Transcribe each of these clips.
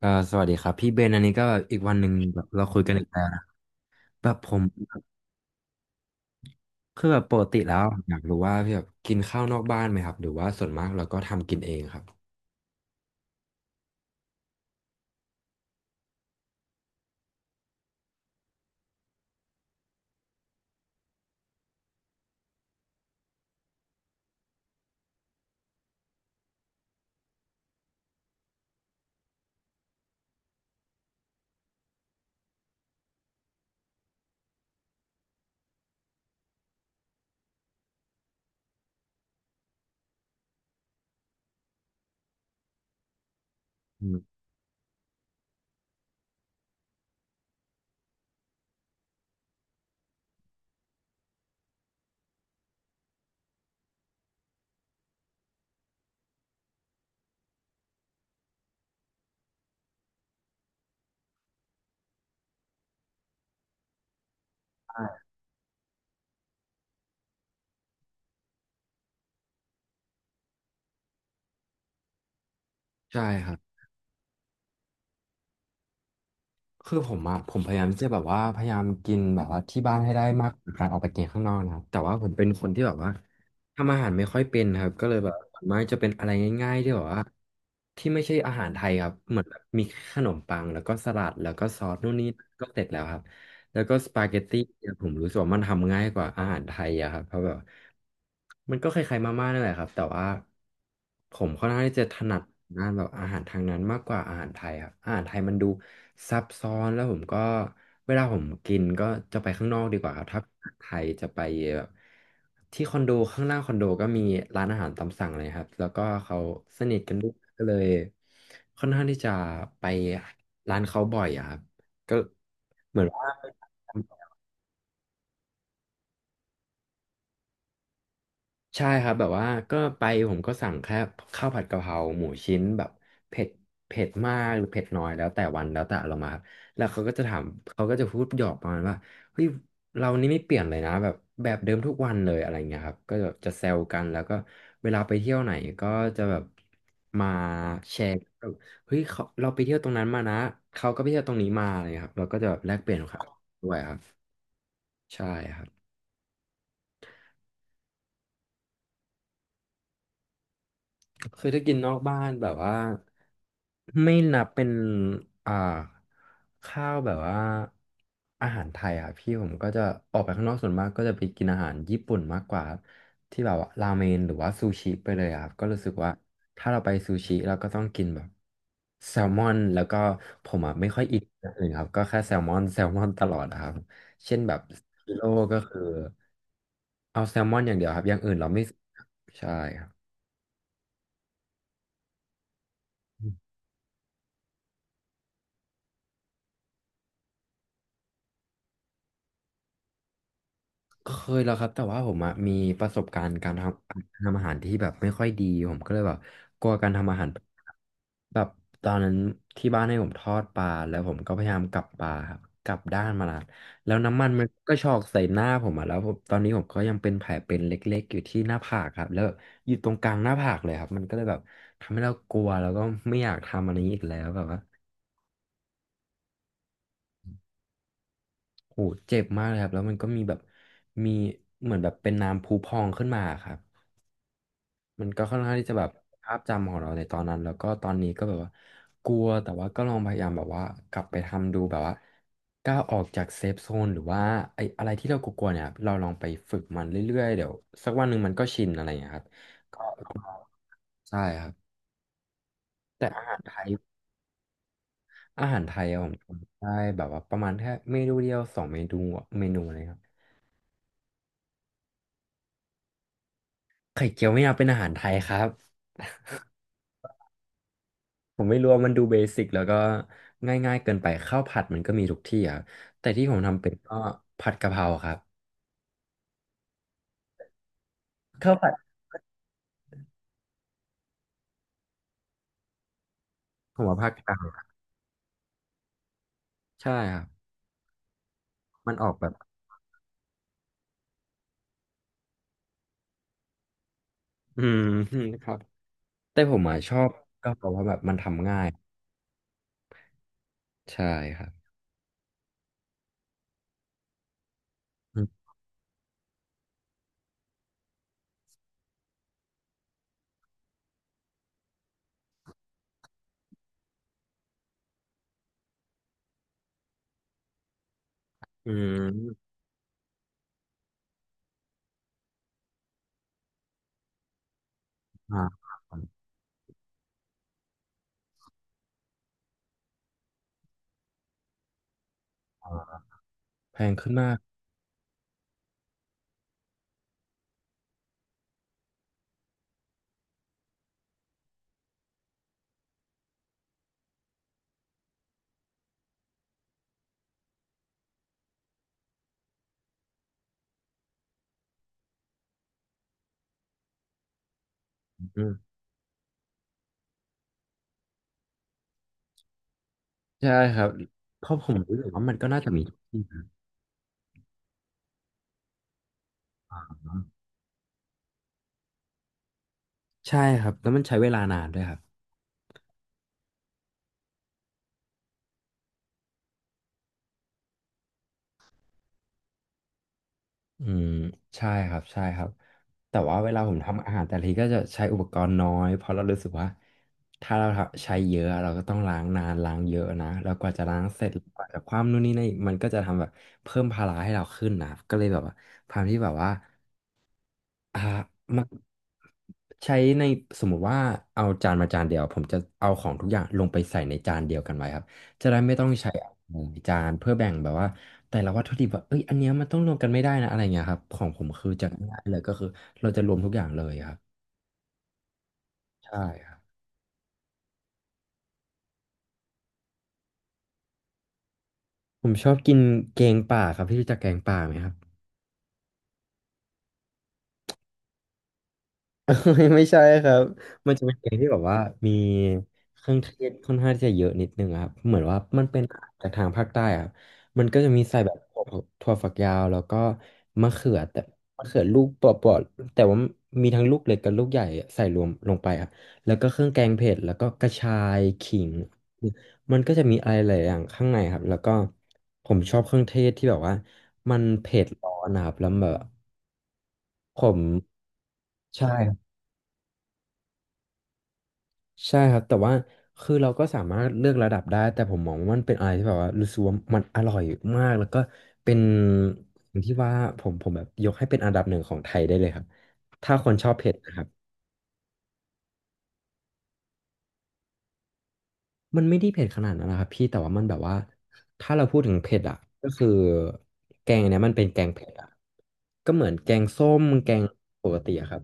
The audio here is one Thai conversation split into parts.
ก็สวัสดีครับพี่เบนอันนี้ก็อีกวันหนึ่งแบบเราคุยกันอีกแล้วนะแบบผมคือแบบปกติแล้วอยากรู้ว่าพี่แบบกินข้าวนอกบ้านไหมครับหรือว่าส่วนมากเราก็ทำกินเองครับอืมใช่ครับคือผมอะผมพยายามที่จะแบบว่าพยายามกินแบบว่าที่บ้านให้ได้มากกว่าการออกไปกินข้างนอกนะครับแต่ว่าผมเป็นคนที่แบบว่าทำอาหารไม่ค่อยเป็นครับก็เลยแบบส่วนมากจะเป็นอะไรง่ายๆที่แบบว่าที่ไม่ใช่อาหารไทยครับเหมือนแบบมีขนมปังแล้วก็สลัดแล้วก็ซอสนู่นนี่ก็เสร็จแล้วครับ แล้วก็สปาเกตตี้เนี่ยผมรู้สึกว่ามันทำง่ายกว่าอาหารไทยอะครับเพราะแบบมันก็คล้ายๆมาม่านั่นแหละครับแต่ว่าผมค่อนข้างที่จะถนัดงานแบบอาหารทางนั้นมากกว่าอาหารไทยครับอาหารไทยมันดูซับซ้อนแล้วผมก็เวลาผมกินก็จะไปข้างนอกดีกว่าครับถ้าอาหารไทยจะไปแบบที่คอนโดข้างล่างคอนโดก็มีร้านอาหารตามสั่งเลยครับแล้วก็เขาสนิทกันด้วยก็เลยค่อนข้างที่จะไปร้านเขาบ่อยอะครับก็ เหมือนว่าใช่ครับแบบว่าก็ไปผมก็สั่งแค่ข้าวผัดกะเพราหมูชิ้นแบบเผ็ดเผ็ดมากหรือเผ็ดน้อยแล้วแต่วันแล้วแต่เรารมาครับแล้วเขาก็จะถามเขาก็จะพูดหยอกประมาณว่าเฮ้ยเรานี่ไม่เปลี่ยนเลยนะแบบแบบเดิมทุกวันเลยอะไรเงี้ยครับก็แบบจะแซวกันแล้วก็เวลาไปเที่ยวไหนก็จะแบบมาแชร์แบบเฮ้ยเขาเราไปเที่ยวตรงนั้นมานะเขาก็ไปเที่ยวตรงนี้มาอะไรเงี้ยครับเราก็จะแบบแลกเปลี่ยนครับด้วยครับใช่ครับเคยได้กินนอกบ้านแบบว่า ไม่นับเป็นอ่าข้าวแบบว่าอาหารไทยอ่ะพี่ผมก็จะออกไปข้างนอกส่วนมากก็จะไปกินอาหารญี่ปุ่นมากกว่าครับที่แบบว่าราเมนหรือว่าซูชิไปเลยอะครับก็รู้สึกว่าถ้าเราไปซูชิเราก็ต้องกินแบบแซลมอนแล้วก็ผมอ่ะไม่ค่อยอินอย่างอื่นครับก็แค่แซลมอน แซลมอนตลอดอะครับเช่นแบบกิโลก็คือเอาเดี๋ยวครับอย่างอื่นเราไม่ใช่ครับ เคยแล้วครับแต่ว่าผมอะมีประสบการณ์การทำอาหารที่แบบไม่ค่อยดีผมก็เลยแบบกลัวการทำอาหารแบบตอนนั้นที่บ้านให้ผมทอดปลาแล้วผมก็พยายามกลับปลาครับกลับด้านมาแล้วแล้วน้ำมันมันก็ชอกใส่หน้าผมอะแล้วผมตอนนี้ผมก็ยังเป็นแผลเป็นเล็กๆอยู่ที่หน้าผากครับแล้วอยู่ตรงกลางหน้าผากเลยครับมันก็เลยแบบทำให้เรากลัวแล้วก็ไม่อยากทำอันนี้อีกแล้วแบบว่าโหเจ็บมากเลยครับแล้วมันก็มีแบบมีเหมือนแบบเป็นน้ำพุพองขึ้นมาครับ มันก็ค่อนข้างที่จะแบบภาพจำของเราในตอนนั้นแล้วก็ตอนนี้ก็แบบว่ากลัวแต่ว่าก็ลองพยายามแบบว่ากลับไปทำดูแบบว่าก้าวออกจากเซฟโซนหรือว่าไอ้อะไรที่เรากลัวๆเนี่ยเราลองไปฝึกมันเรื่อยๆเดี๋ยวสักวันหนึ่งมันก็ชินอะไรอย่างเงี้ยครับก็ก็ใช่ครับแต่อาหารไทยอาหารไทยอะผมทำได้แบบว่าประมาณแค่เมนูเดียวสองเมนูเมนูอะไรครับไข่เจียวไม่เอาเป็นอาหารไทยครับ ผมไม่รู้ว่ามันดูเบสิกแล้วก็ง่ายๆเกินไปข้าวผัดมันก็มีทุกที่อ่ะแต่ที่ผมทำเป็นก็ผัดกะเพราครับข้าวผัดผมว่าภาคกลางใช่ครับมันออกแบบอืม ครับแต่ผมอ่ะชอบกะเพราว่าะแบบมันทำง่ายใช่ครับอืมอืมอ่าแพงขึ้นมากอืมใช่ครับเพราะผมรู้สึกว่ามันก็น่าจะมีทุกที่นะใช่ครับแล้วมันใช้เวลานานด้วยครับ อืมใช่ครับใช่ครับแต่ว่าเวลาผมทำอาหารแต่ละทีก็จะใช้อุปกรณ์น้อยเพราะเรารู้สึกว่าถ้าเราใช้เยอะเราก็ต้องล้างนานล้างเยอะนะแล้วกว่าจะล้างเสร็จกว่าจะคว่ำนู่นนี่นั่นอีกมันก็จะทำแบบเพิ่มภาระให้เราขึ้นนะครับก็เลยแบบว่าความที่แบบว่า อ่ามักใช้ในสมมุติว่าเอาจานมาจานเดียวผมจะเอาของทุกอย่างลงไปใส่ในจานเดียวกันไว้ครับจะได้ไม่ต้องใช้หลายจานเพื่อแบ่งแบบว่าแต่ละวัตถุดิบว่าเอ้ยอันเนี้ยมันต้องรวมกันไม่ได้นะอะไรเงี้ยครับของผมคือจะง่ายเลยก็คือเราจะรวมทุกอย่างเลยครับใช่ครับผมชอบกินแกงป่าครับพี่รู้จักแกงป่าไหมครับ เอ้ยไม่ใช่ครับมันจะเป็นเพลงที่แบบว่ามีเครื่องเทศค่อนข้างที่จะเยอะนิดนึงอะครับเหมือนว่ามันเป็นจากทางภาคใต้อะครับมันก็จะมีใส่แบบถั่วถั่วฝักยาวแล้วก็มะเขือแต่มะเขือลูกเปราะๆแต่ว่ามีทั้งลูกเล็กกับลูกใหญ่ใส่รวมลงไปครับแล้วก็เครื่องแกงเผ็ดแล้วก็กระชายขิงมันก็จะมีอะไรหลายอย่างข้างในครับแล้วก็ผมชอบเครื่องเทศที่แบบว่ามันเผ็ดร้อนนะครับแล้วแบบผมใช่ ใช่ครับแต่ว่าคือเราก็สามารถเลือกระดับได้แต่ผมมองว่ามันเป็นอะไรที่แบบว่ารู้สึกว่ามันอร่อยมากแล้วก็เป็นอย่างที่ว่าผมแบบยกให้เป็นอันดับหนึ่งของไทยได้เลยครับถ้าคนชอบเผ็ดนะครับมันไม่ได้เผ็ดขนาดนั้นนะครับพี่แต่ว่ามันแบบว่าถ้าเราพูดถึงเผ็ดอ่ะก็คือแกงเนี้ยมันเป็นแกงเผ็ดอ่ะก็เหมือนแกงส้มแกงปกติอะครับ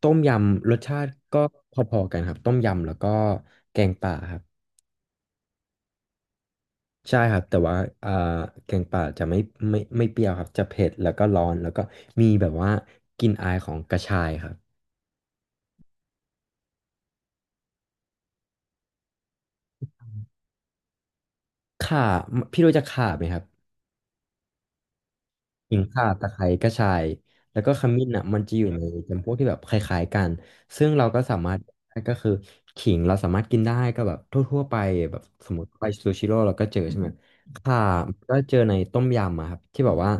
ต้มยำรสชาติก็พอๆกันครับต้มยำแล้วก็แกงป่าครับ ใช่ครับแต่ว่าอ่าแกงป่าจะไม่ไม่เปรี้ยวครับจะเผ็ดแล้วก็ร้อนแล้วก็มีแบบว่ากลิ่นอายของกระชายครับข่าพี่รู้จักข่าไหมครับ ขิงข่าตะไคร้กระชายแล้วก็ขมิ้นอ่ะมันจะอยู่ในจำพวกที่แบบคล้ายๆกันซึ่งเราก็สามารถก็คือขิงเราสามารถกินได้ก็แบบทั่วๆไปแบบสมมติไปซูชิโร่เราก็เจอใช่ไหมข่าก็เจอในต้มยำอะครับที่แบบว่า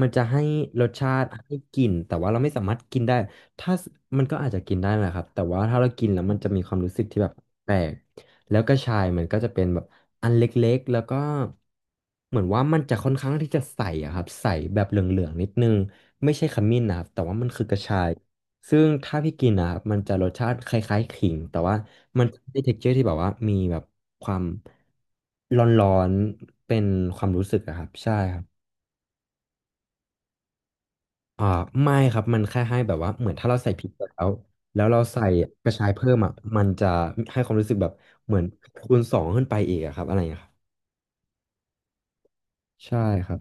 มันจะให้รสชาติให้กลิ่นแต่ว่าเราไม่สามารถกินได้ถ้ามันก็อาจจะกินได้แหละครับแต่ว่าถ้าเรากินแล้วมันจะมีความรู้สึกที่แบบแปลก แล้วกระชายมันก็จะเป็นแบบอันเล็กๆแล้วก็เหมือนว่ามันจะค่อนข้างที่จะใสอะครับใสแบบเหลืองๆนิดนึงไม่ใช่ขมิ้นนะครับแต่ว่ามันคือกระชายซึ่งถ้าพี่กินนะครับมันจะรสชาติคล้ายๆขิงแต่ว่ามันจะได้ texture ที่แบบว่ามีแบบความร้อนๆเป็นความรู้สึกอะครับใช่ครับอ่าไม่ครับมันแค่ให้แบบว่าเหมือนถ้าเราใส่พริกไปแล้วแล้วเราใส่กระชายเพิ่มอ่ะมันจะให้ความรู้สึกแบบเหมือนคูณสองขึ้นไปอีกอะครับอะไรอย่างเงี้ยครับ ใช่ครับ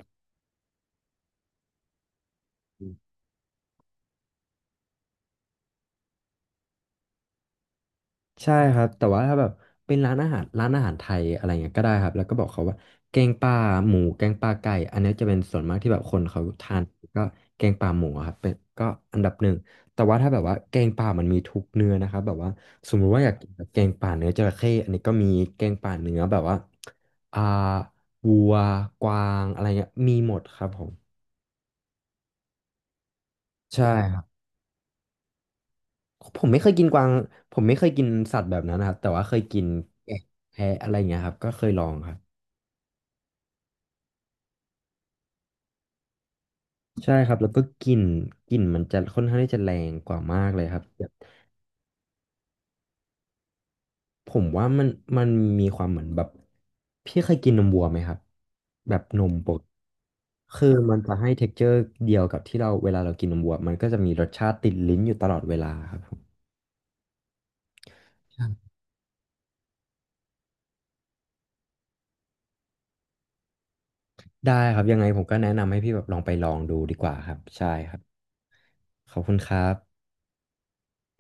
ใช่ครับแต่ว่าถ้าแบบเป็นร้านอาหารร้านอาหารไทยอะไรเงี้ยก็ได้ครับแล้วก็บอกเขาว่าแกงป่าหมูแกงป่าไก่อันเนี้ยจะเป็นส่วนมากที่แบบคนเขาทานก็แกงป่าหมูอะครับเป็นก็อันดับหนึ่งแต่ว่าถ้าแบบว่าแกงป่ามันมีทุกเนื้อนะครับแบบว่าสมมุติว่าอยากกินแบบแกงป่าเนื้อจระเข้อันนี้ก็มีแกงป่าเนื้อแบบว่าอ่าวัวกวางอะไรเงี้ยมีหมดครับผมใช่ครับ ผมไม่เคยกินกวางผมไม่เคยกินสัตว์แบบนั้นนะครับแต่ว่าเคยกินแกะแพะอะไรอย่างเงี้ยครับก็เคยลองครับใช่ครับแล้วก็กลิ่นกลิ่นมันจะค่อนข้างที่จะแรงกว่ามากเลยครับแบบผมว่ามันมันมีความเหมือนแบบพี่เคยกินนมวัวไหมครับแบบนมปกคือมันจะให้ texture เจอร์เดียวกับที่เราเวลาเรากินนมวัวมันก็จะมีรสชาติติดลิ้นอยู่ตลอดเวลาครับผมคได้ครับยังไงผมก็แนะนำให้พี่แบบลองไปลองดูดีกว่าครับใช่ครับขอบคุณครับ